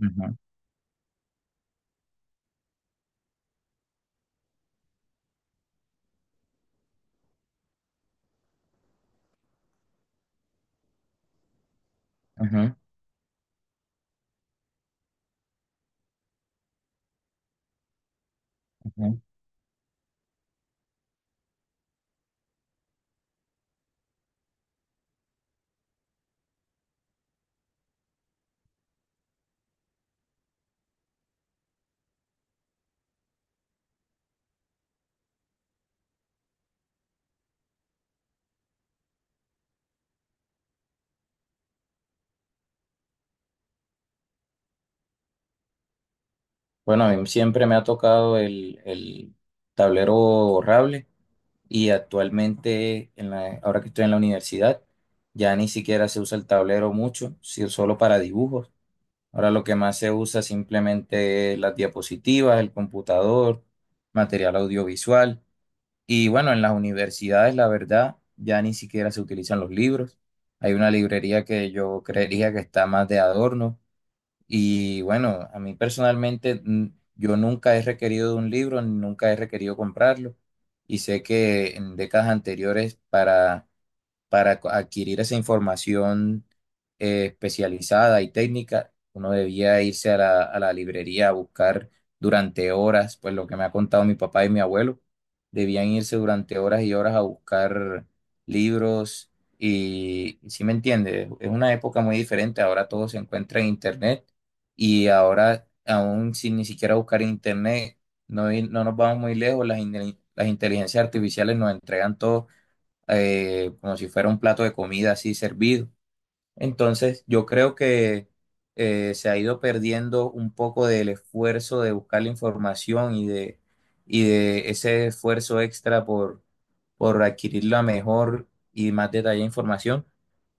Ujú, ujú, ujú. Bueno, a mí siempre me ha tocado el tablero borrable y actualmente, ahora que estoy en la universidad, ya ni siquiera se usa el tablero mucho, solo para dibujos. Ahora lo que más se usa simplemente es las diapositivas, el computador, material audiovisual. Y bueno, en las universidades, la verdad, ya ni siquiera se utilizan los libros. Hay una librería que yo creería que está más de adorno. Y bueno, a mí personalmente, yo nunca he requerido de un libro, nunca he requerido comprarlo. Y sé que en décadas anteriores para adquirir esa información especializada y técnica, uno debía irse a la librería a buscar durante horas, pues lo que me ha contado mi papá y mi abuelo, debían irse durante horas y horas a buscar libros y, si me entiende, es una época muy diferente, ahora todo se encuentra en internet. Y ahora aún sin ni siquiera buscar en internet, no, no nos vamos muy lejos, las inteligencias artificiales nos entregan todo, como si fuera un plato de comida así servido. Entonces, yo creo que se ha ido perdiendo un poco del esfuerzo de buscar la información y de ese esfuerzo extra por adquirir la mejor y más detallada información,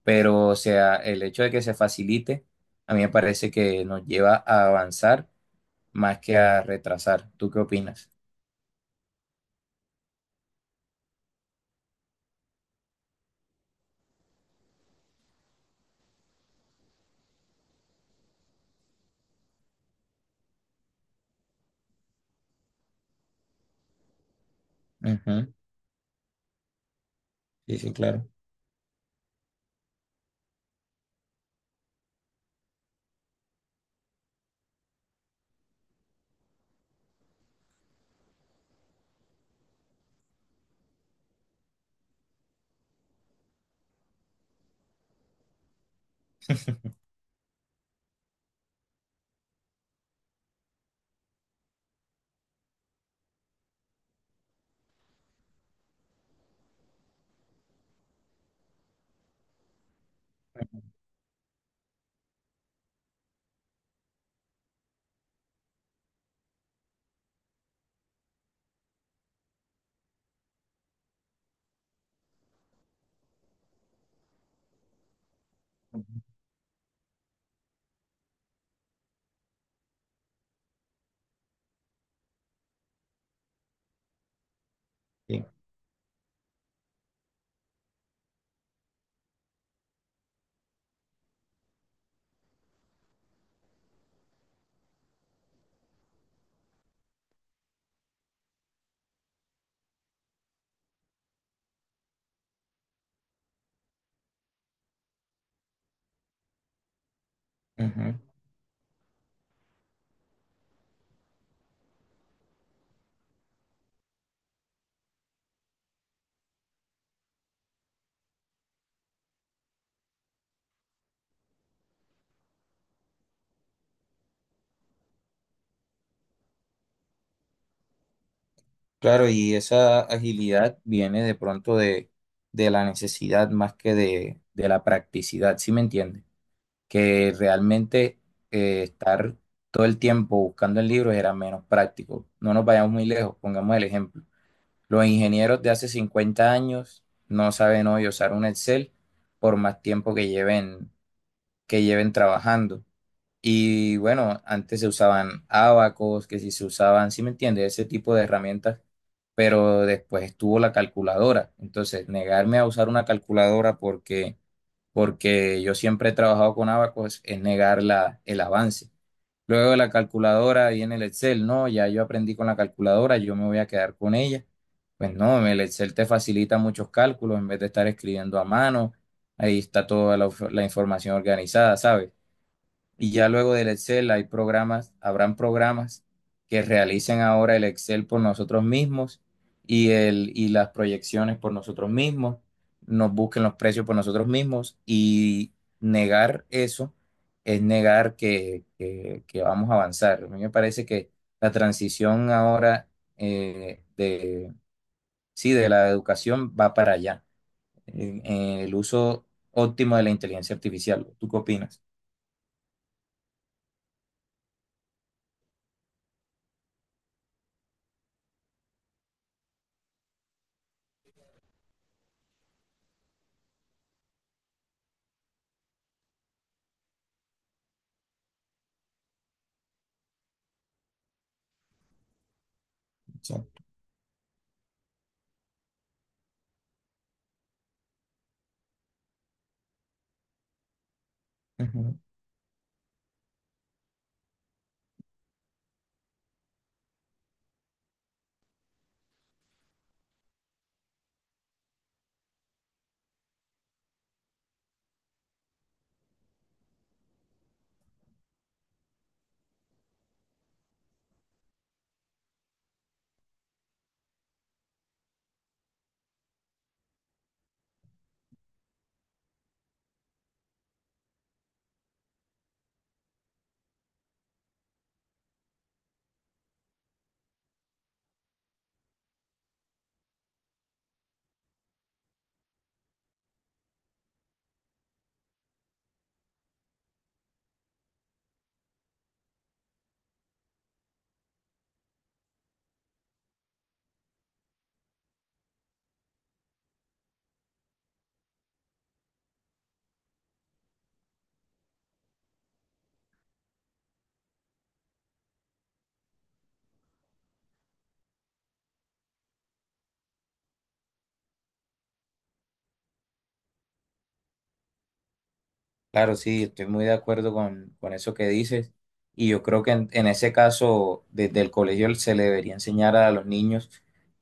pero o sea, el hecho de que se facilite, a mí me parece que nos lleva a avanzar más que a retrasar. ¿Tú qué opinas? Ujú. Sí, sí, claro. Sí. Ujú. Claro, y esa agilidad viene de pronto de la necesidad más que de la practicidad, ¿sí me entiende? Que realmente, estar todo el tiempo buscando en libros era menos práctico. No nos vayamos muy lejos, pongamos el ejemplo. Los ingenieros de hace 50 años no saben hoy usar un Excel por más tiempo que lleven trabajando. Y bueno, antes se usaban ábacos, que si se usaban, ¿sí me entiendes? Ese tipo de herramientas, pero después estuvo la calculadora. Entonces, negarme a usar una calculadora porque, porque yo siempre he trabajado con ábacos es negar la, el avance. Luego de la calculadora y en el Excel, no, ya yo aprendí con la calculadora, yo me voy a quedar con ella. Pues no, el Excel te facilita muchos cálculos en vez de estar escribiendo a mano, ahí está toda la información organizada, ¿sabes? Y ya luego del Excel hay programas, habrán programas que realicen ahora el Excel por nosotros mismos y, el, y las proyecciones por nosotros mismos, nos busquen los precios por nosotros mismos y negar eso es negar que, que vamos a avanzar. A mí me parece que la transición ahora, eh, de, sí, de la educación va para allá, en el uso óptimo de la inteligencia artificial. ¿Tú qué opinas? Exacto. Ujú. Claro, sí, estoy muy de acuerdo con eso que dices. Y yo creo que en ese caso, desde el colegio se le debería enseñar a los niños,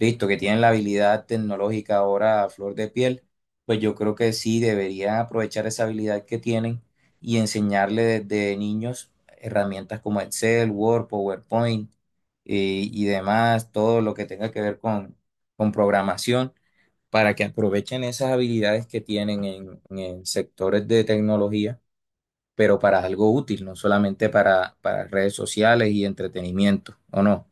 listo, que tienen la habilidad tecnológica ahora a flor de piel, pues yo creo que sí deberían aprovechar esa habilidad que tienen y enseñarle desde niños herramientas como Excel, Word, PowerPoint, y demás, todo lo que tenga que ver con programación, para que aprovechen esas habilidades que tienen en sectores de tecnología pero para algo útil, no solamente para redes sociales y entretenimiento, ¿o no?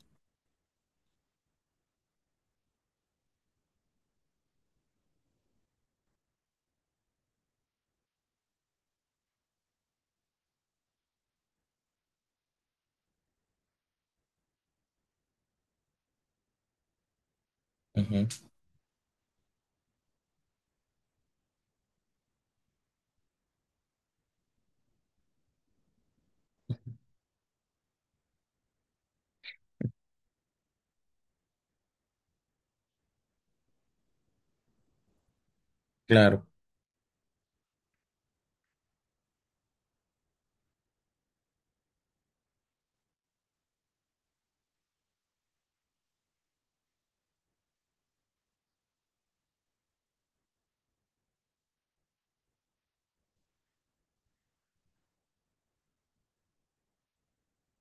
Ujú, claro,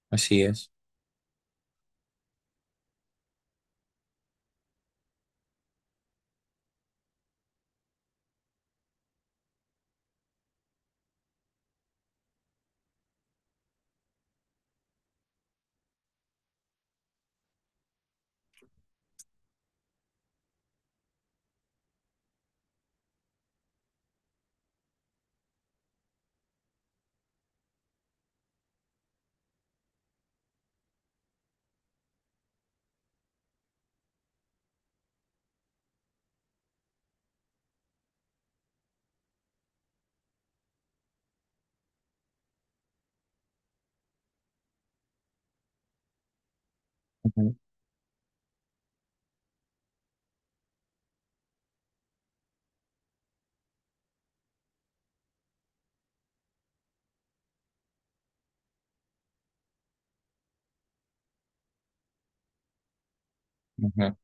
así es. Ujú, ujú.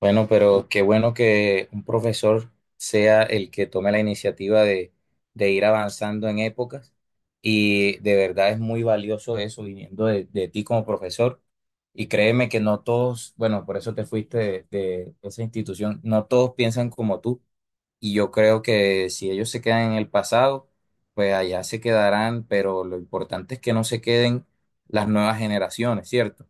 Bueno, pero qué bueno que un profesor sea el que tome la iniciativa de ir avanzando en épocas y de verdad es muy valioso eso viniendo de ti como profesor. Y créeme que no todos, bueno, por eso te fuiste de esa institución, no todos piensan como tú. Y yo creo que si ellos se quedan en el pasado, pues allá se quedarán, pero lo importante es que no se queden las nuevas generaciones, ¿cierto?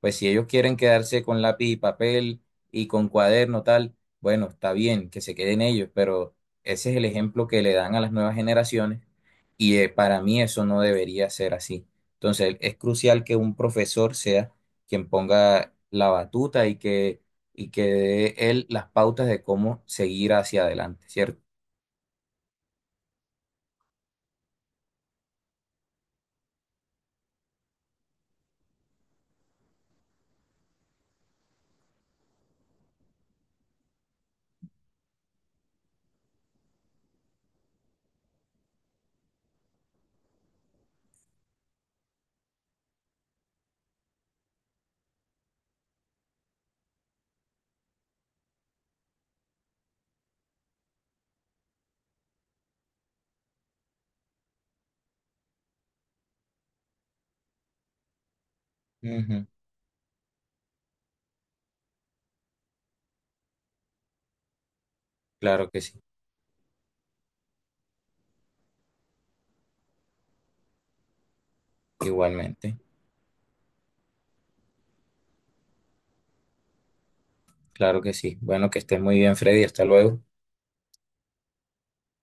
Pues si ellos quieren quedarse con lápiz y papel y con cuaderno tal, bueno, está bien que se queden ellos, pero ese es el ejemplo que le dan a las nuevas generaciones y, para mí eso no debería ser así. Entonces es crucial que un profesor sea quien ponga la batuta y que dé él las pautas de cómo seguir hacia adelante, ¿cierto? Ujú. Claro que sí, igualmente, claro que sí. Bueno, que estés muy bien, Freddy, hasta luego.